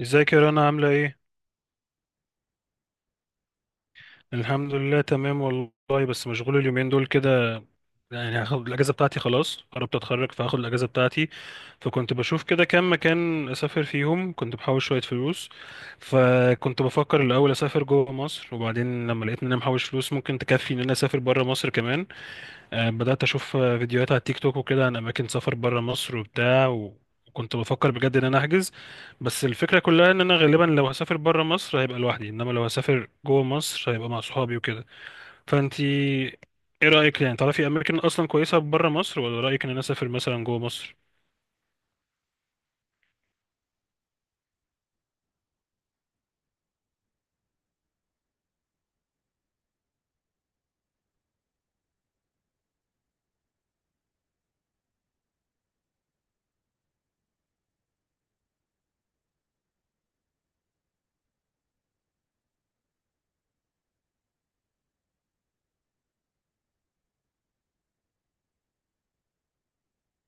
ازيك يا رنا، عاملة ايه؟ الحمد لله تمام والله، بس مشغول اليومين دول كده. يعني هاخد الأجازة بتاعتي، خلاص قربت أتخرج فهاخد الأجازة بتاعتي. فكنت بشوف كده كام مكان أسافر فيهم، كنت بحوش شوية فلوس. فكنت بفكر الأول أسافر جوه مصر، وبعدين لما لقيت إن أنا محوش فلوس ممكن تكفي إن أنا أسافر بره مصر كمان. بدأت أشوف فيديوهات على تيك توك وكده عن أماكن سفر برا مصر وبتاع وكنت بفكر بجد إن أنا أحجز. بس الفكرة كلها إن أنا غالبا لو هسافر برا مصر هيبقى لوحدي، إنما لو هسافر جوه مصر هيبقى مع صحابي وكده. فأنتي إيه رأيك يعني، تعرفي أماكن أصلا كويسة برا مصر، ولا رأيك إن أنا أسافر مثلا جوه مصر؟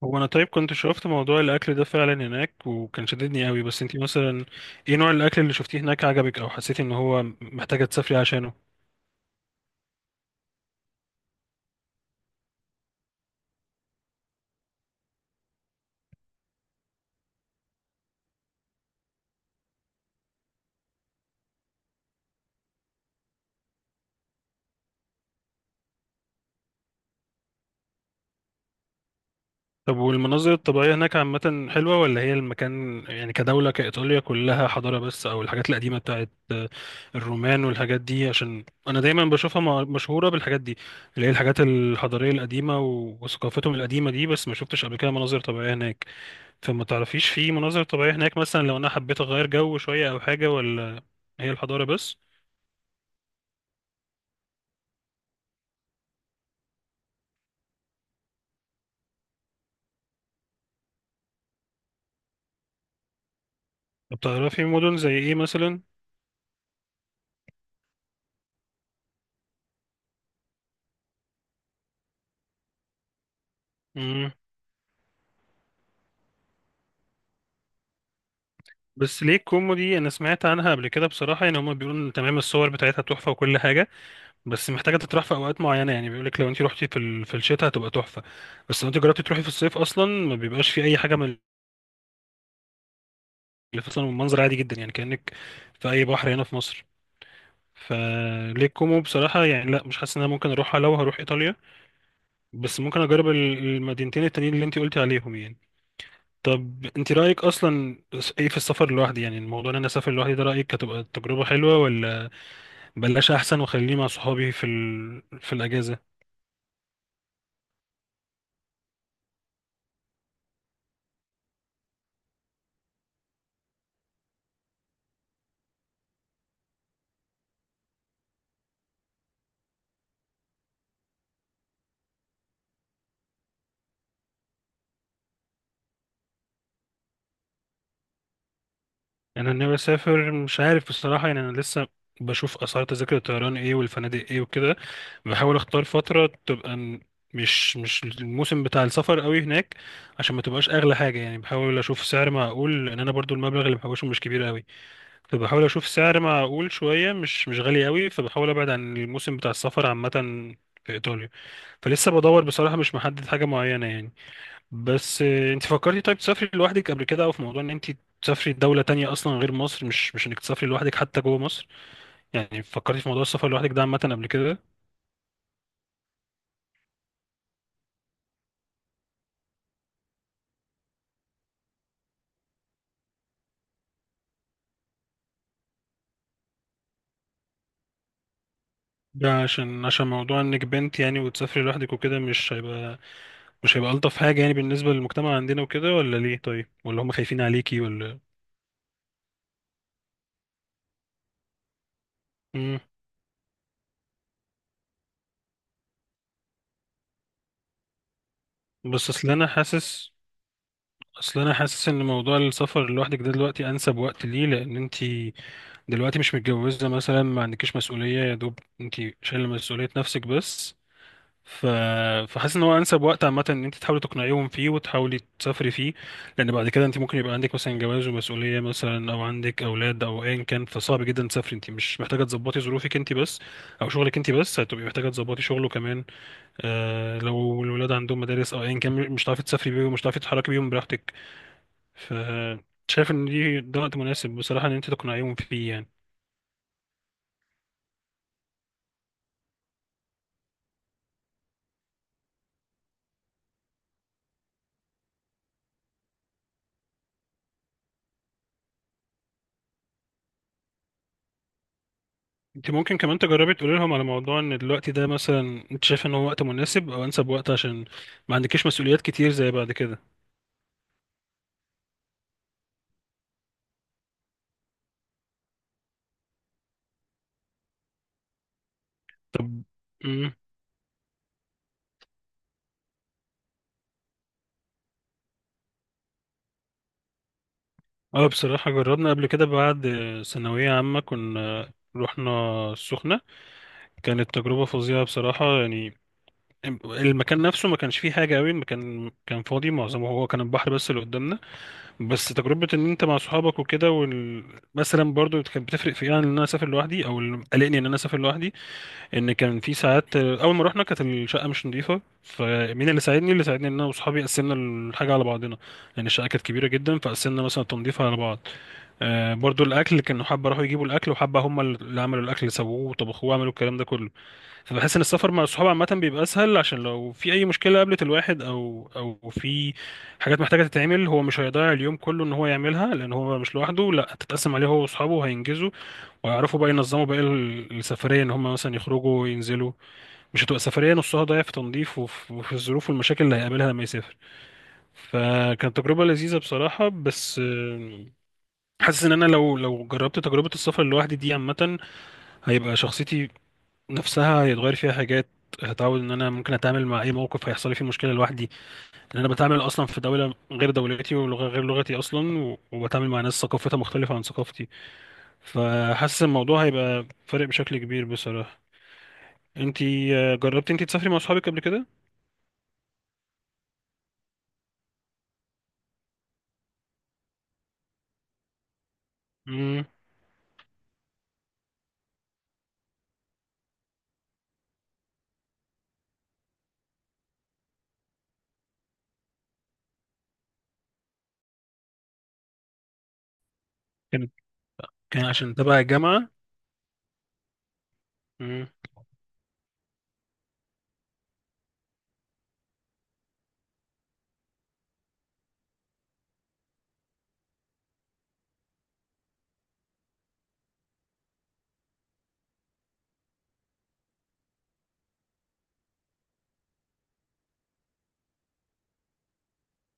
هو أنا طيب كنت شوفت موضوع الأكل ده فعلا هناك وكان شددني قوي، بس أنتي مثلا إيه نوع الأكل اللي شفتيه هناك عجبك، أو حسيتي إن هو محتاجة تسافري عشانه؟ طب والمناظر الطبيعية هناك عامة حلوة، ولا هي المكان يعني كدولة كإيطاليا كلها حضارة بس، أو الحاجات القديمة بتاعت الرومان والحاجات دي؟ عشان أنا دايما بشوفها مشهورة بالحاجات دي اللي هي الحاجات الحضارية القديمة وثقافتهم القديمة دي، بس ما شفتش قبل كده مناظر طبيعية هناك. فما تعرفيش في مناظر طبيعية هناك مثلا، لو أنا حبيت أغير جو شوية أو حاجة، ولا هي الحضارة بس؟ طب تعرفي مدن زي إيه مثلا؟ مم. بس ليه كومو دي أنا سمعت عنها قبل كده بصراحة، يعني هما بيقولوا إن تمام الصور بتاعتها تحفة وكل حاجة، بس محتاجة تتراح في أوقات معينة، يعني بيقولك لو أنت روحتي في في الشتاء هتبقى تحفة، بس لو أنت جربتي تروحي في الصيف أصلا ما بيبقاش في أي حاجة من اللي في، أصلا المنظر عادي جدا يعني كأنك في أي بحر هنا في مصر. فليه كومو بصراحة يعني لا، مش حاسس إن أنا ممكن أروحها لو هروح إيطاليا، بس ممكن أجرب المدينتين التانيين اللي أنت قلتي عليهم يعني. طب أنت رأيك أصلا إيه في السفر لوحدي؟ يعني الموضوع إن أنا أسافر لوحدي ده رأيك هتبقى تجربة حلوة، ولا بلاش أحسن وخليني مع صحابي في في الأجازة؟ يعني انا ناوي اسافر، مش عارف بصراحه، يعني انا لسه بشوف اسعار تذاكر الطيران ايه والفنادق ايه وكده، بحاول اختار فتره تبقى مش الموسم بتاع السفر قوي هناك، عشان ما تبقاش اغلى حاجه يعني. بحاول اشوف سعر معقول، لان انا برضو المبلغ اللي محوشه مش كبير قوي. فبحاول اشوف سعر معقول شويه، مش غالي قوي، فبحاول ابعد عن الموسم بتاع السفر عامه في ايطاليا. فلسه بدور بصراحه، مش محدد حاجه معينه يعني. بس انت فكرتي طيب تسافري لوحدك قبل كده، او في موضوع ان انت تسافري دولة تانية اصلا غير مصر، مش انك تسافري لوحدك حتى جوه مصر؟ يعني فكرتي في موضوع السفر لوحدك ده عامة قبل كده؟ ده عشان موضوع انك بنت يعني، وتسافري لوحدك وكده مش هيبقى الطف حاجة يعني بالنسبة للمجتمع عندنا وكده، ولا ليه طيب، ولا هم خايفين عليكي ولا؟ امم بس اصل انا حاسس ان موضوع السفر لوحدك ده دلوقتي انسب وقت ليه، لان انت دلوقتي مش متجوزة مثلا، ما عندكيش مسؤولية، يا دوب انت شايلة مسؤولية نفسك بس. ف... فحاسس ان هو انسب وقت عامة ان انت تحاولي تقنعيهم فيه وتحاولي تسافري فيه، لان بعد كده انت ممكن يبقى عندك مثلا جواز ومسؤولية مثلا، او عندك اولاد او ايا كان، فصعب جدا تسافري، انت مش محتاجة تظبطي ظروفك انت بس او شغلك انت بس، هتبقي محتاجة تظبطي شغله كمان. لو الولاد عندهم مدارس او ايا كان، مش هتعرفي تسافري بيهم، مش هتعرفي تتحركي بيهم براحتك. ف شايف ان ده وقت مناسب بصراحة ان انت تقنعيهم فيه يعني. انت ممكن كمان تجربي تقولي لهم على موضوع ان الوقت ده مثلا انت شايف ان هو وقت مناسب، او انسب وقت، عشان ما عندكيش مسؤوليات كتير زي بعد كده. طب. امم اه بصراحة جربنا قبل كده، بعد ثانوية عامة كنا رحنا السخنة. كانت تجربة فظيعة بصراحة يعني، المكان نفسه ما كانش فيه حاجة قوي، المكان كان فاضي، معظمه هو كان البحر بس اللي قدامنا. بس تجربة ان انت مع صحابك وكده مثلا برضو كانت بتفرق في إيه عن ان انا اسافر لوحدي، او اللي قلقني ان انا اسافر لوحدي ان كان في ساعات اول ما رحنا كانت الشقه مش نظيفه، فمين اللي ساعدني؟ اللي ساعدني ان انا واصحابي قسمنا الحاجه على بعضنا، لان الشقه كانت كبيره جدا، فقسمنا مثلا التنظيف على بعض. برضو الاكل كانوا حبه راحوا يجيبوا الاكل، وحبه هم اللي عملوا الاكل اللي سووه وطبخوه وعملوا الكلام ده كله. فبحس ان السفر مع الصحاب عامه بيبقى اسهل، عشان لو في اي مشكله قابلت الواحد او في حاجات محتاجه تتعمل، هو مش هيضيع اليوم كله ان هو يعملها، لان هو مش لوحده، لا تتقسم عليه هو واصحابه وهينجزوا ويعرفوا بقى ينظموا بقى السفرية، ان هم مثلا يخرجوا وينزلوا، مش هتبقى سفرية نصها ضايع في تنظيف وفي الظروف والمشاكل اللي هيقابلها لما يسافر. فكانت تجربة لذيذة بصراحة، بس حاسس ان انا لو جربت تجربة السفر لوحدي دي عامة، هيبقى شخصيتي نفسها هيتغير فيها حاجات، هتعود ان انا ممكن اتعامل مع اي موقف هيحصل لي فيه مشكله لوحدي، لان انا بتعامل اصلا في دوله غير دولتي ولغه غير لغتي اصلا وبتعامل مع ناس ثقافتها مختلفه عن ثقافتي. فحاسس الموضوع هيبقى فارق بشكل كبير بصراحه. انتي جربتي انتي تسافري مع اصحابك قبل كده؟ امم كان كان عشان تبع الجامعه؟ امم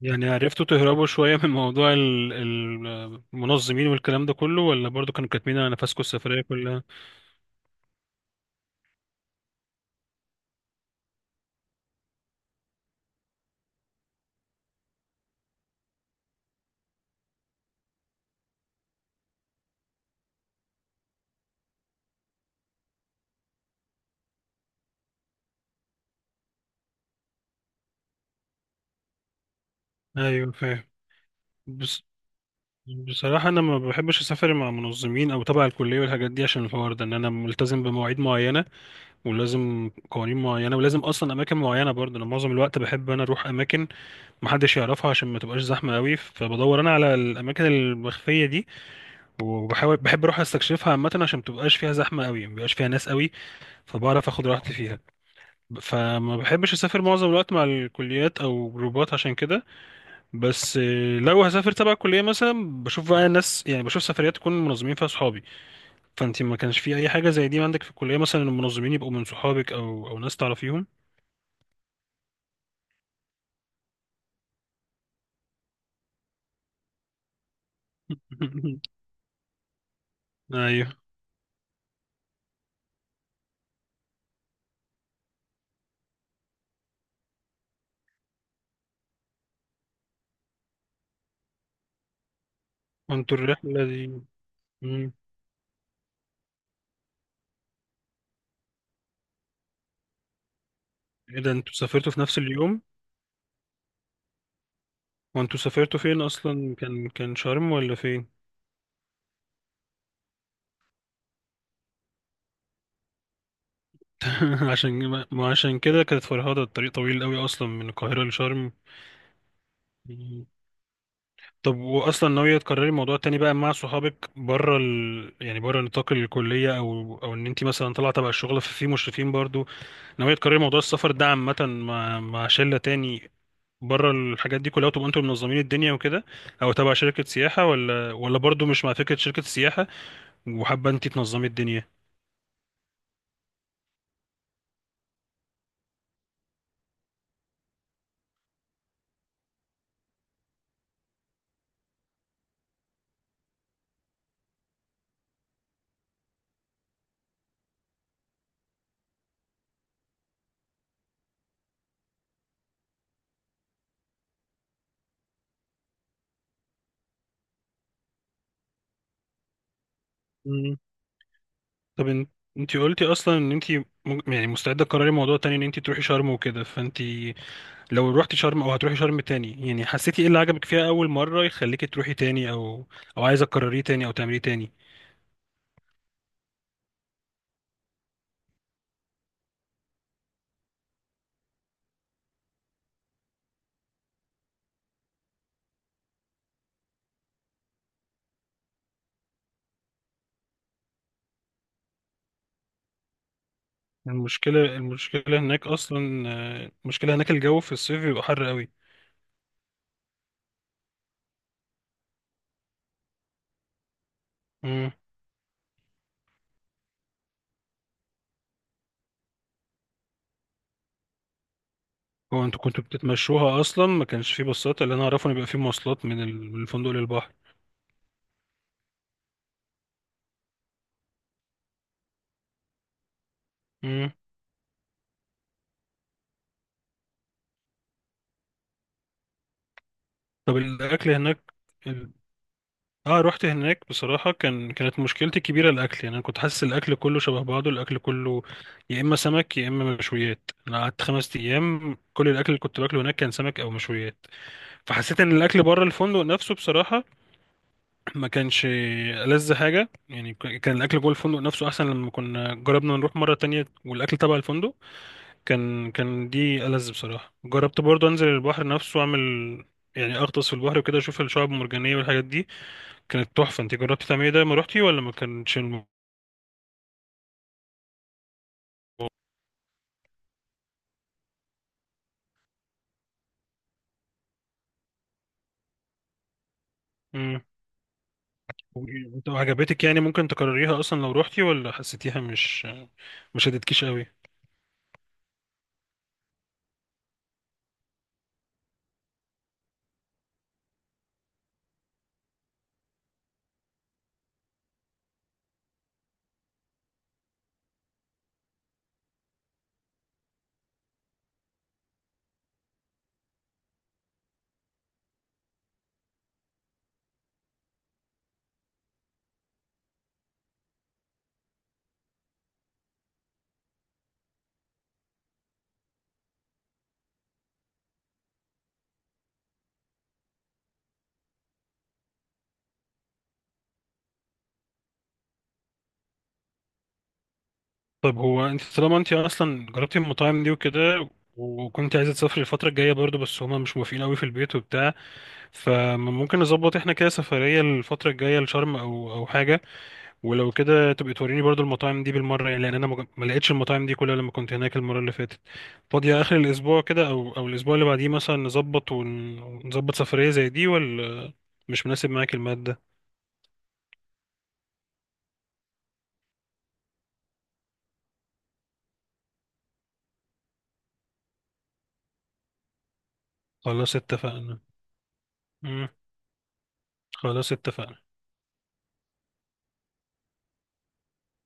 يعني عرفتوا تهربوا شويه من موضوع المنظمين والكلام ده كله، ولا برضو كانوا كاتمين على نفسكم السفريه كلها؟ ايوه، فاهم. بس بصراحه انا ما بحبش اسافر مع منظمين او تبع الكليه والحاجات دي، عشان الحوار ده ان انا ملتزم بمواعيد معينه ولازم قوانين معينه ولازم اصلا اماكن معينه، برضو انا معظم الوقت بحب انا اروح اماكن محدش يعرفها، عشان ما تبقاش زحمه قوي، فبدور انا على الاماكن المخفيه دي، وبحاول بحب اروح استكشفها عامه، عشان متبقاش فيها زحمه قوي، مبيبقاش فيها ناس قوي فبعرف اخد راحتي فيها. فما بحبش اسافر معظم الوقت مع الكليات او جروبات عشان كده. بس لو هسافر تبع الكليه مثلا، بشوف بقى ناس، يعني بشوف سفريات تكون منظمين فيها صحابي. فانت ما كانش في اي حاجه زي دي عندك في الكليه مثلا؟ المنظمين يبقوا من صحابك او ناس تعرفيهم؟ ايوه. وانتوا الرحله دي. مم. ايه ده انتوا سافرتوا في نفس اليوم؟ وانتوا سافرتوا فين اصلا؟ كان شرم ولا فين؟ عشان ما عشان كده كانت فرهدة، الطريق طويل قوي اصلا من القاهرة لشرم. طب واصلا ناوية تكرري الموضوع تاني بقى مع صحابك بره يعني بره نطاق الكلية، او ان انت مثلا طالعة تبع الشغل ففي مشرفين برضو؟ ناوية تكرري موضوع السفر ده عامة مع شلة تاني بره الحاجات دي كلها، وتبقوا انتوا منظمين الدنيا وكده، او تبع شركة سياحة؟ ولا برضو مش مع فكرة شركة السياحة وحابة انت تنظمي الدنيا؟ طب انتي قلتي اصلا ان انتي يعني مستعده تقرري موضوع تاني ان انتي تروحي شرم وكده، فانتي لو روحتي شرم او هتروحي شرم تاني، يعني حسيتي ايه اللي عجبك فيها اول مره يخليكي تروحي تاني، او او عايزه تكرريه تاني او تعمليه تاني؟ المشكله المشكله هناك اصلا المشكله هناك الجو في الصيف بيبقى حر قوي. امم. هو انتوا كنتوا بتتمشوها اصلا؟ ما كانش فيه باصات؟ اللي انا اعرفه ان بيبقى فيه مواصلات من من الفندق للبحر. امم. طب الاكل هناك. اه، رحت هناك بصراحة، كانت مشكلتي الكبيرة الأكل. يعني أنا كنت حاسس الأكل كله شبه بعضه، الأكل كله يا إما سمك يا إما مشويات، أنا قعدت 5 أيام كل الأكل اللي كنت باكله هناك كان سمك أو مشويات. فحسيت إن الأكل بره الفندق نفسه بصراحة ما كانش ألذ حاجة، يعني كان الأكل جوه الفندق نفسه أحسن، لما كنا جربنا نروح مرة تانية والأكل تبع الفندق كان دي ألذ بصراحة. جربت برضه أنزل البحر نفسه وأعمل، يعني أغطس في البحر وكده، أشوف الشعاب المرجانية والحاجات دي، كانت تحفة. انت جربتي تعملي ده لما روحتي، ولا ما كانتش مم. وعجبتك يعني ممكن تكرريها اصلا لو روحتي، ولا حسيتيها مش شدتكيش قوي؟ طيب هو انت طالما انت اصلا جربتي المطاعم دي وكده، وكنت عايزة تسافري الفترة الجاية برضو، بس هما مش موافقين قوي في البيت وبتاع، فممكن نظبط احنا كده سفرية الفترة الجاية لشرم او حاجة. ولو كده تبقي توريني برضو المطاعم دي بالمرة، يعني لأن أنا ما لقيتش المطاعم دي كلها لما كنت هناك المرة اللي فاتت. فاضية آخر الأسبوع كده أو الأسبوع اللي بعديه مثلا، نظبط ونظبط سفرية زي دي، ولا مش مناسب معاك المادة؟ خلاص اتفقنا. مم. خلاص اتفقنا.